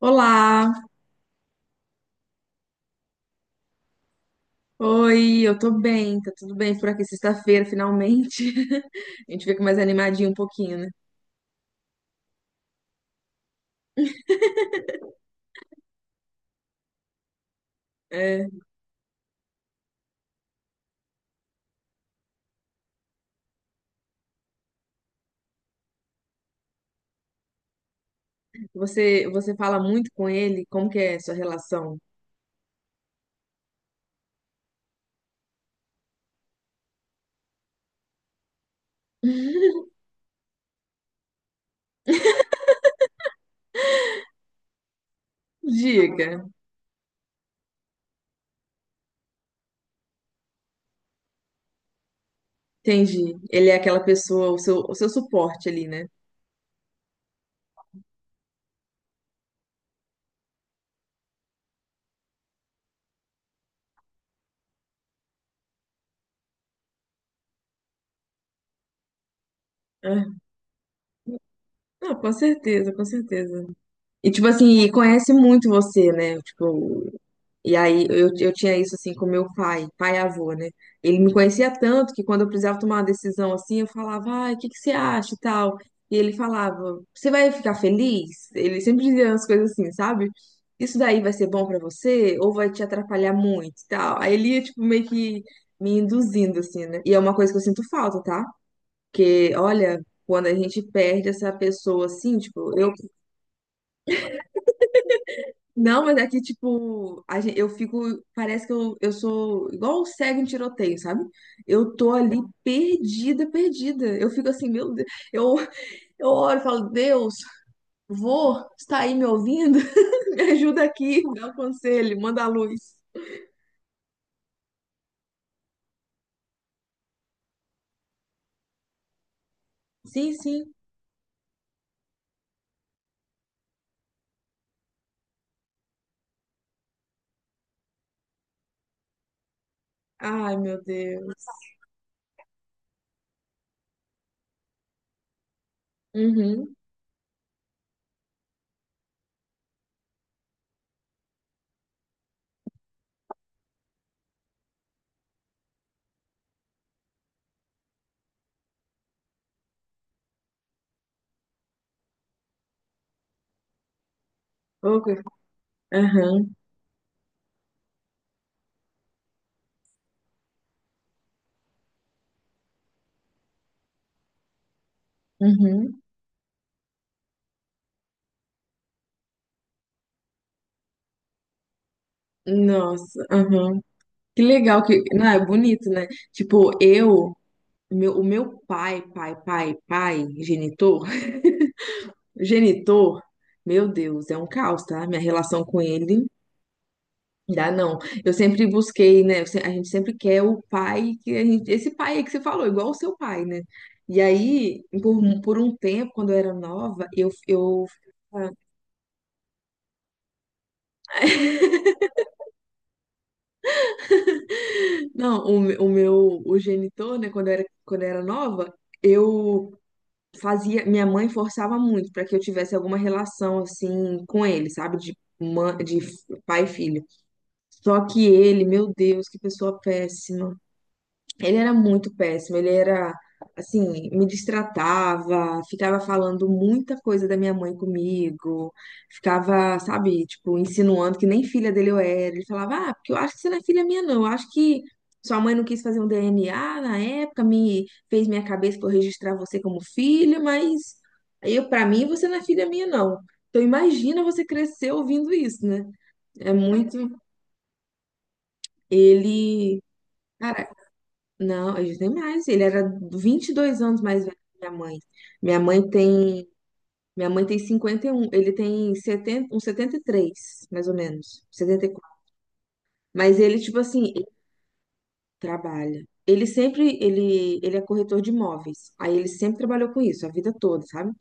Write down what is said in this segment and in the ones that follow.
Olá, oi, eu tô bem, tá tudo bem por aqui, sexta-feira, finalmente. A gente fica mais animadinho um pouquinho, né? É, você fala muito com ele, como que é a sua relação? Diga, entendi. Ele é aquela pessoa, o seu suporte ali, né? Ah, não, com certeza, com certeza. E tipo assim, e conhece muito você, né? Tipo, e aí eu tinha isso assim com meu pai, pai e avô, né? Ele me conhecia tanto que quando eu precisava tomar uma decisão assim, eu falava, ai, o que que você acha e tal? E ele falava, você vai ficar feliz? Ele sempre dizia umas coisas assim, sabe? Isso daí vai ser bom pra você ou vai te atrapalhar muito e tal? Aí ele ia, tipo, meio que me induzindo, assim, né? E é uma coisa que eu sinto falta, tá? Porque, olha, quando a gente perde essa pessoa assim, tipo, eu. Não, mas é que, tipo, eu fico. Parece que eu sou igual o cego em tiroteio, sabe? Eu tô ali perdida, perdida. Eu fico assim, meu Deus. Eu, eu oro e falo, Deus, vô, está aí me ouvindo? Me ajuda aqui, me dá um conselho, manda a luz. Sim, sim. Ai, meu Deus. Uhum. Ok. Aham. Uhum. Nossa, aham. Que legal que. Não, é bonito, né? Tipo, eu. Meu, o meu genitor. O genitor, meu Deus, é um caos, tá? Minha relação com ele, dá não. Eu sempre busquei, né? eu se- A gente sempre quer o pai que a gente, esse pai aí que você falou, igual o seu pai, né? E aí, por um tempo, quando eu era nova, eu não, o meu o genitor, né, quando eu era nova, eu fazia, minha mãe forçava muito para que eu tivesse alguma relação assim com ele, sabe, de mã- de f- pai e filho. Só que ele, meu Deus, que pessoa péssima. Ele era muito péssimo, ele era assim, me destratava, ficava falando muita coisa da minha mãe comigo, ficava, sabe, tipo, insinuando que nem filha dele eu era. Ele falava: "Ah, porque eu acho que você não é filha minha não. Eu acho que sua mãe não quis fazer um DNA na época, me fez minha cabeça para eu registrar você como filha, mas eu para mim você não é filha minha não". Então imagina você crescer ouvindo isso, né? É muito. Ele. Cara, não, eu já tenho mais. Ele era 22 anos mais velho que minha mãe. Minha mãe tem, minha mãe tem 51, ele tem 70, uns 73 mais ou menos, 74. Mas ele, tipo assim, ele trabalha. Ele sempre, ele é corretor de imóveis. Aí ele sempre trabalhou com isso, a vida toda, sabe?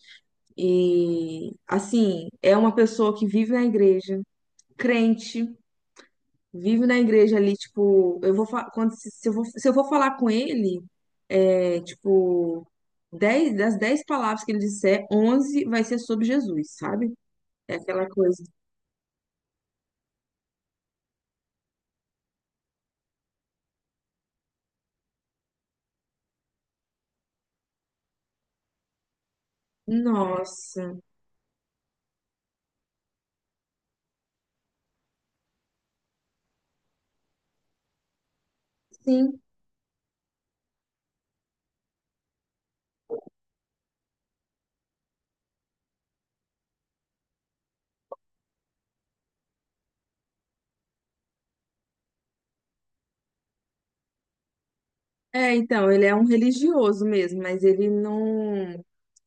E, assim, é uma pessoa que vive na igreja, crente, vive na igreja ali, tipo, quando se se eu vou, se eu vou falar com ele, é, tipo, 10 das 10 palavras que ele disser, 11 vai ser sobre Jesus, sabe? É aquela coisa. Nossa. Sim. É, então, ele é um religioso mesmo, mas ele não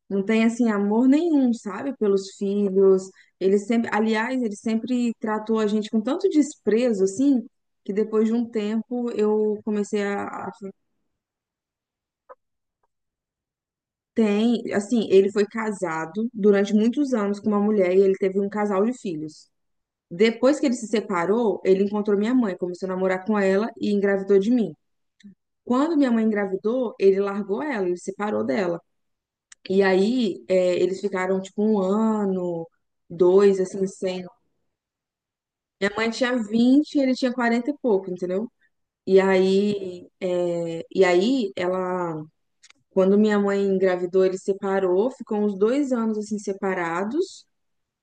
não tem assim amor nenhum, sabe, pelos filhos. Ele sempre, aliás, ele sempre tratou a gente com tanto desprezo assim, que depois de um tempo eu comecei a. Tem, assim, ele foi casado durante muitos anos com uma mulher e ele teve um casal de filhos. Depois que ele se separou, ele encontrou minha mãe, começou a namorar com ela e engravidou de mim. Quando minha mãe engravidou, ele largou ela, ele se separou dela. E aí, é, eles ficaram tipo um ano, dois, assim, sem. Minha mãe tinha 20 e ele tinha 40 e pouco, entendeu? E aí, é, e aí ela, quando minha mãe engravidou, ele separou, ficou uns 2 anos assim separados.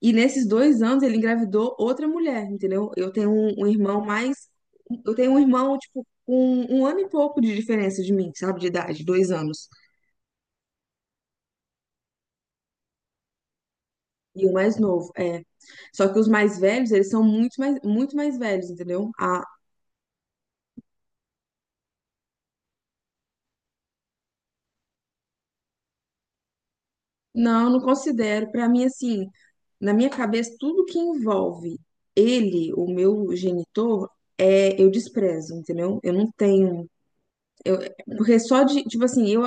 E nesses 2 anos ele engravidou outra mulher, entendeu? Eu tenho um irmão mais. Eu tenho um irmão, tipo, com um ano e pouco de diferença de mim, sabe? De idade, 2 anos. E o mais novo, é. Só que os mais velhos, eles são muito mais velhos, entendeu? Ah, não, não considero. Pra mim, assim, na minha cabeça, tudo que envolve ele, o meu genitor, é, eu desprezo, entendeu? Eu não tenho. Eu, porque só de, tipo assim, eu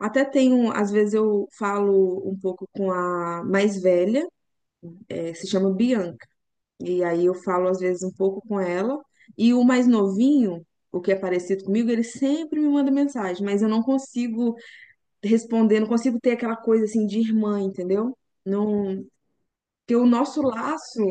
até tenho, às vezes eu falo um pouco com a mais velha, se chama Bianca, e aí eu falo às vezes um pouco com ela, e o mais novinho, o que é parecido comigo, ele sempre me manda mensagem, mas eu não consigo responder, não consigo ter aquela coisa assim de irmã, entendeu? Não, porque o nosso laço,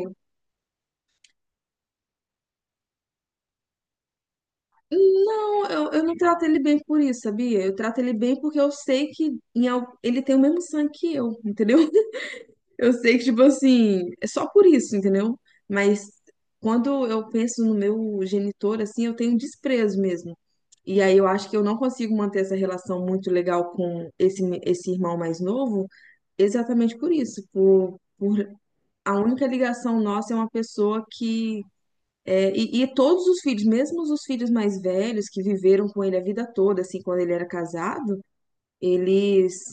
não, eu não trato ele bem por isso, sabia? Eu trato ele bem porque eu sei que em, al- ele tem o mesmo sangue que eu, entendeu? Eu sei que, tipo assim, é só por isso, entendeu? Mas quando eu penso no meu genitor, assim, eu tenho um desprezo mesmo. E aí eu acho que eu não consigo manter essa relação muito legal com esse irmão mais novo, exatamente por isso, por a única ligação nossa é uma pessoa que é, e todos os filhos, mesmo os filhos mais velhos que viveram com ele a vida toda, assim, quando ele era casado, eles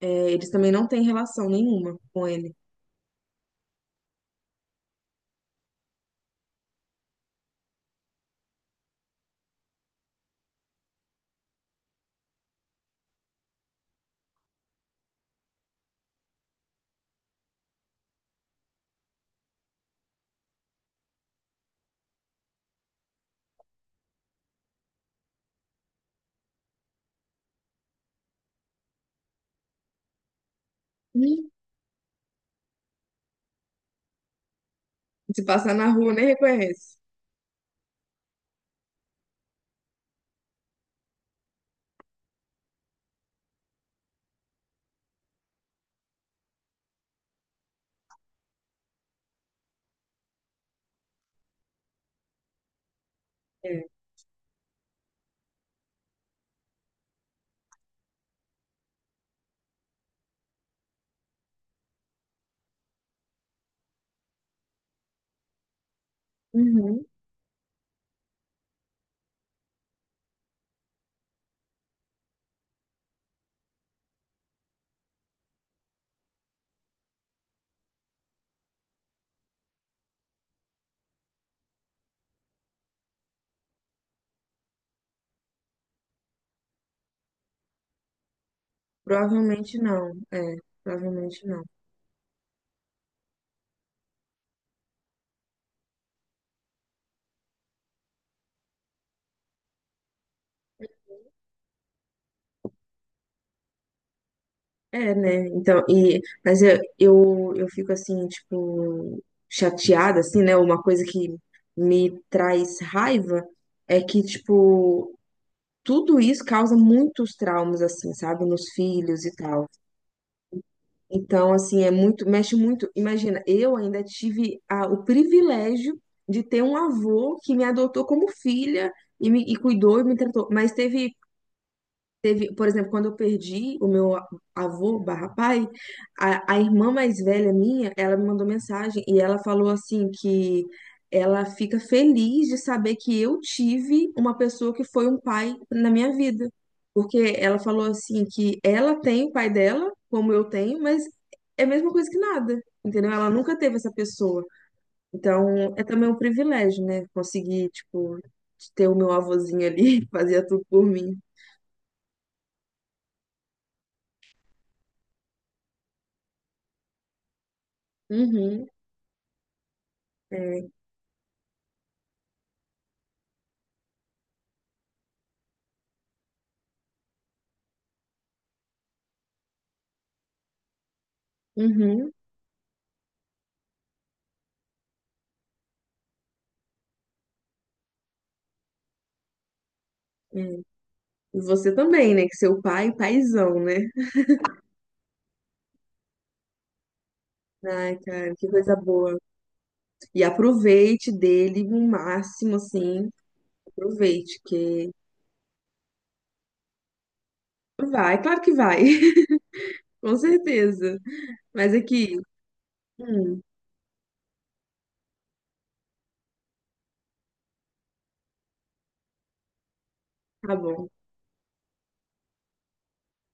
é, eles também não têm relação nenhuma com ele. Se passar na rua, nem reconhece. É. Uhum. Provavelmente não. É, provavelmente não. É, né? Então, e, mas eu fico assim, tipo, chateada, assim, né? Uma coisa que me traz raiva é que, tipo, tudo isso causa muitos traumas, assim, sabe? Nos filhos e tal. Então, assim, é muito, mexe muito. Imagina, eu ainda tive o privilégio de ter um avô que me adotou como filha e me e cuidou e me tratou, mas teve. Teve, por exemplo, quando eu perdi avô barra pai, a irmã mais velha minha, ela me mandou mensagem e ela falou assim que ela fica feliz de saber que eu tive uma pessoa que foi um pai na minha vida. Porque ela falou assim que ela tem o pai dela, como eu tenho, mas é a mesma coisa que nada, entendeu? Ela nunca teve essa pessoa. Então, é também um privilégio, né? Conseguir, tipo, ter o meu avôzinho ali, fazia tudo por mim. Uhum. Uhum. É. E você também, né? Que seu pai, paizão, né? Ai, cara, que coisa boa. E aproveite dele o máximo, assim. Aproveite, que vai, claro que vai, com certeza. Mas aqui, hum, tá bom.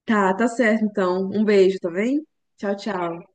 Tá, tá certo então. Um beijo, tá bem? Tchau, tchau.